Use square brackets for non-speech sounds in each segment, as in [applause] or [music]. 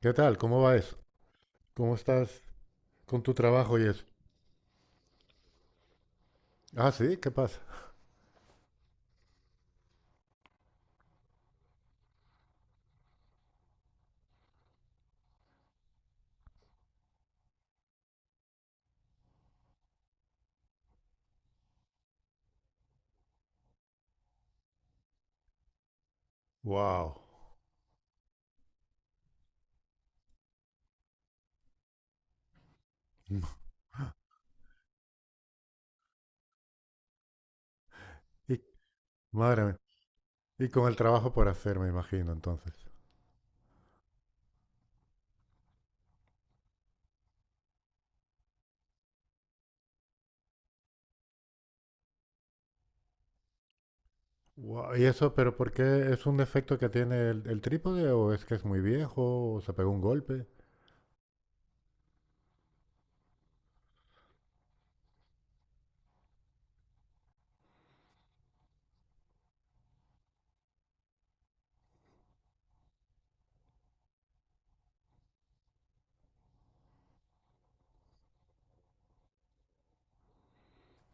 ¿Qué tal? ¿Cómo va eso? ¿Cómo estás con tu trabajo y eso? Ah, sí, ¿qué pasa? Wow. Y, Madre mía. Y con el trabajo por hacer, me imagino, entonces. Guau, ¿y eso, pero por qué es un defecto que tiene el trípode o es que es muy viejo o se pegó un golpe?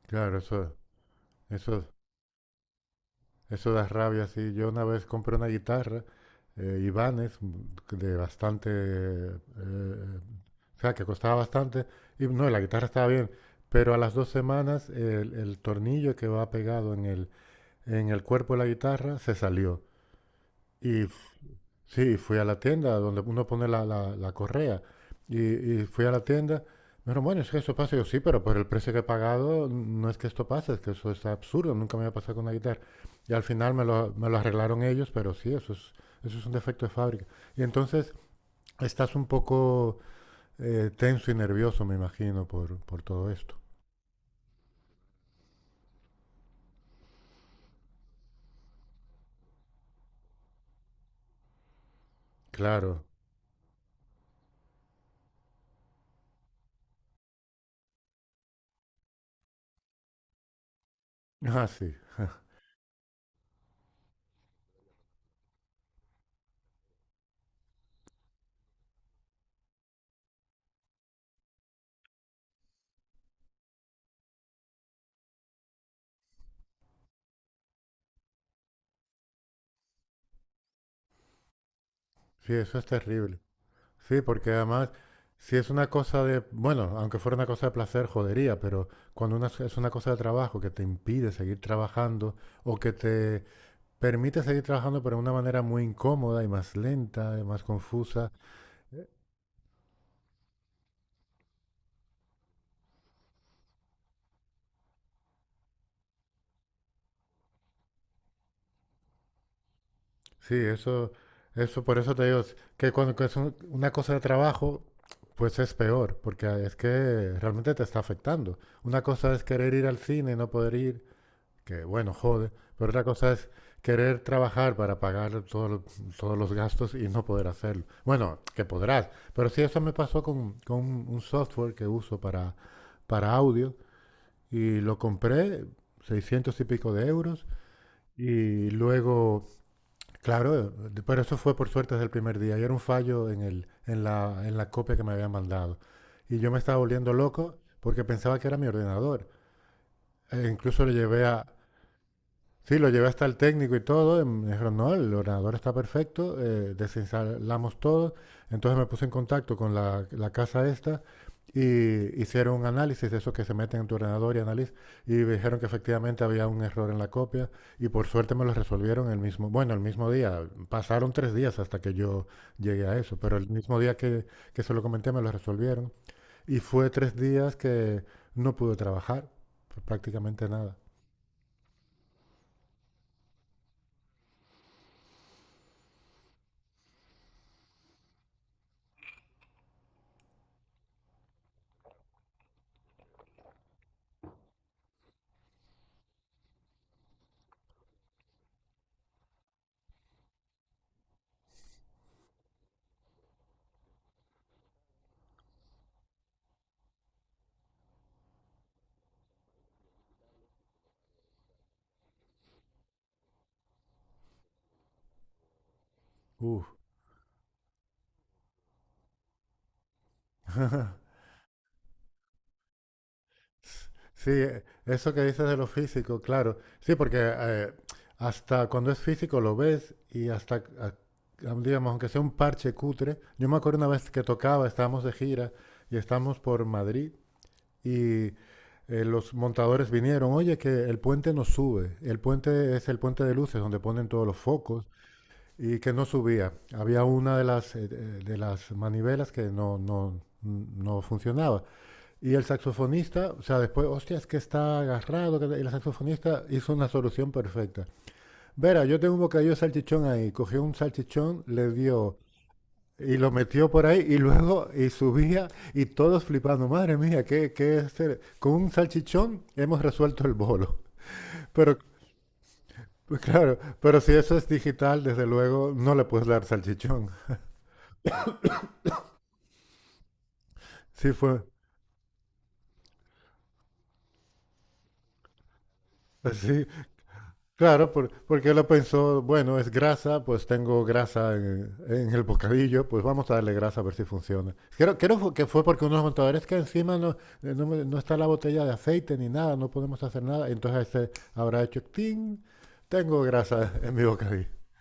Claro, eso, Eso da rabia, sí. Yo una vez compré una guitarra, Ibanez, de bastante, o sea, que costaba bastante. Y no, la guitarra estaba bien, pero a las 2 semanas el tornillo que va pegado en el cuerpo de la guitarra se salió. Y f- sí, fui a la tienda donde uno pone la correa. Y fui a la tienda. Me dijeron, bueno, es que esto pasa. Y yo, sí, pero por el precio que he pagado, no es que esto pase, es que eso es absurdo. Nunca me había pasado con una guitarra. Y al final me lo arreglaron ellos, pero sí, eso es un defecto de fábrica. Y entonces estás un poco tenso y nervioso, me imagino, por todo esto. Claro. Ah, sí. Sí, eso es terrible. Sí, porque además, si es una cosa de, bueno, aunque fuera una cosa de placer, jodería, pero es una cosa de trabajo que te impide seguir trabajando o que te permite seguir trabajando pero de una manera muy incómoda y más lenta y más confusa, sí, eso por eso te digo, es que cuando que es una cosa de trabajo, pues es peor, porque es que realmente te está afectando. Una cosa es querer ir al cine y no poder ir, que bueno, jode, pero otra cosa es querer trabajar para pagar todos los gastos y no poder hacerlo. Bueno, que podrás, pero sí eso me pasó con un software que uso para audio y lo compré 600 y pico de euros y luego, claro, pero eso fue por suerte desde el primer día y era un fallo en la copia que me habían mandado. Y yo me estaba volviendo loco porque pensaba que era mi ordenador. E incluso le llevé a. Sí, lo llevé hasta el técnico y todo. Y me dijeron, no, el ordenador está perfecto, desinstalamos todo. Entonces me puse en contacto con la casa esta y hicieron un análisis de eso que se meten en tu ordenador y análisis y me dijeron que efectivamente había un error en la copia y por suerte me lo resolvieron bueno, el mismo día. Pasaron 3 días hasta que yo llegué a eso, pero el mismo día que se lo comenté me lo resolvieron. Y fue 3 días que no pude trabajar, prácticamente nada. Uf. Sí, eso que dices de lo físico, claro. Sí, porque hasta cuando es físico lo ves y hasta, digamos, aunque sea un parche cutre. Yo me acuerdo una vez que tocaba, estábamos de gira y estábamos por Madrid y los montadores vinieron, oye, que el puente no sube. El puente es el puente de luces donde ponen todos los focos y que no subía. Había una de las manivelas que no, no, no funcionaba. Y el saxofonista, o sea, después, hostia, es que está agarrado. El saxofonista hizo una solución perfecta. Verá, yo tengo un bocadillo de salchichón ahí. Cogió un salchichón, le dio y lo metió por ahí y luego y subía y todos flipando. Madre mía, ¿qué es ser? Con un salchichón hemos resuelto el bolo. [laughs] Pero, pues claro, pero si eso es digital, desde luego no le puedes dar salchichón. Sí fue, sí, claro, porque él pensó, bueno, es grasa, pues tengo grasa en el bocadillo, pues vamos a darle grasa a ver si funciona. Creo que fue porque unos montadores que encima no, no, no está la botella de aceite ni nada, no podemos hacer nada, entonces ese habrá hecho, ¡ting! Tengo grasa en mi bocadillo. [laughs]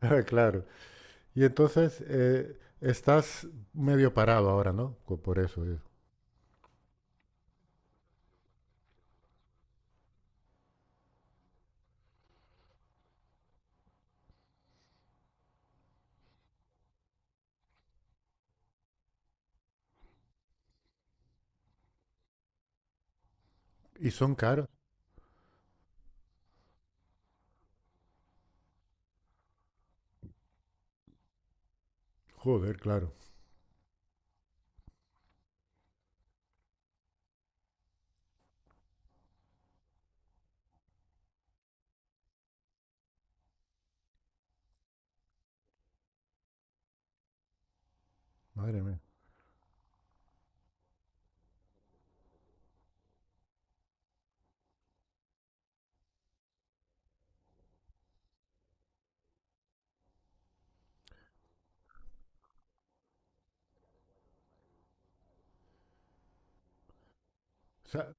Ah, claro. Y entonces estás medio parado ahora, ¿no? Por eso. Y son caros. Joder, claro. Madre mía. O sea,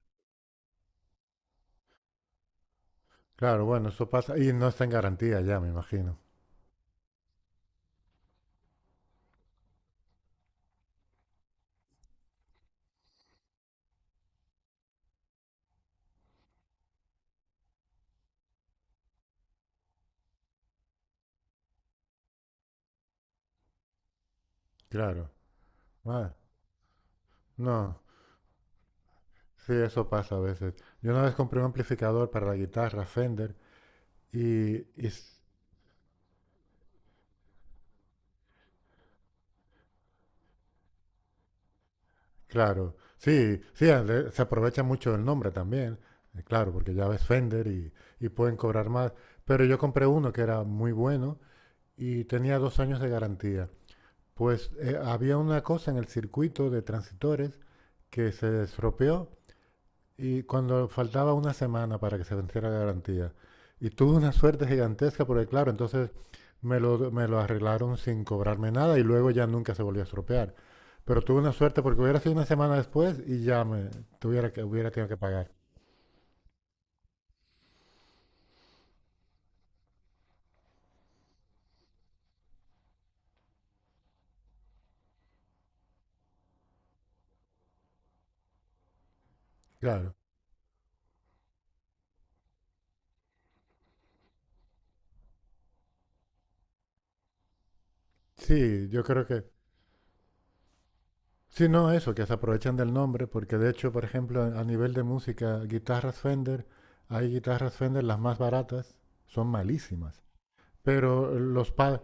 claro, bueno, eso pasa. Y no está en garantía ya, me imagino. Claro. Ah, no, sí, eso pasa a veces. Yo una vez compré un amplificador para la guitarra Fender. Y, y s- claro, sí, sí, se aprovecha mucho el nombre también, claro, porque ya ves Fender y pueden cobrar más. Pero yo compré uno que era muy bueno y tenía 2 años de garantía. Pues había una cosa en el circuito de transitores que se estropeó. Y cuando faltaba una semana para que se venciera la garantía, y tuve una suerte gigantesca porque, claro, entonces me lo arreglaron sin cobrarme nada y luego ya nunca se volvió a estropear. Pero tuve una suerte porque hubiera sido una semana después y ya hubiera tenido que pagar. Claro. Sí, yo creo que. Sí, no, eso, que se aprovechan del nombre, porque de hecho, por ejemplo, a nivel de música, guitarras Fender, hay guitarras Fender, las más baratas, son malísimas. Pero los,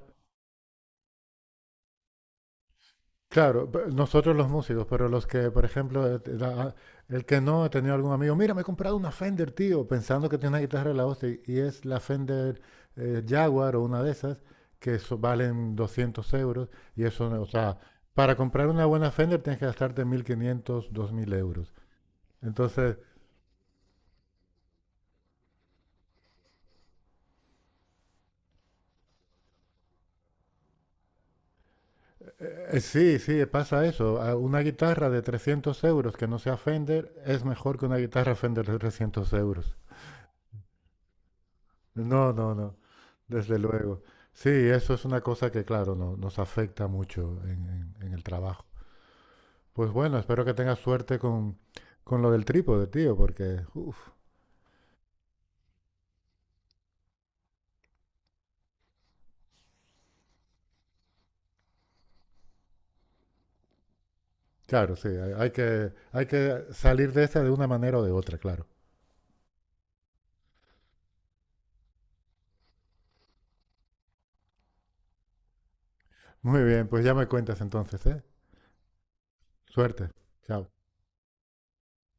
Claro, nosotros los músicos, pero los que, por ejemplo, el que no ha tenido algún amigo, mira, me he comprado una Fender, tío, pensando que tiene una guitarra de la hostia, y es la Fender Jaguar o una de esas, que valen 200 euros, y eso, o sea, para comprar una buena Fender tienes que gastarte 1500, 2000 euros. Entonces, sí, sí, pasa eso. A una guitarra de 300 euros que no sea Fender es mejor que una guitarra Fender de 300 euros. No, no, no, desde luego. Sí, eso es una cosa que, claro, nos afecta mucho en el trabajo. Pues bueno, espero que tengas suerte con lo del trípode, tío, porque, uf, claro, sí, hay que salir de esa de una manera o de otra, claro. Muy bien, pues ya me cuentas entonces, ¿eh? Suerte. Chao.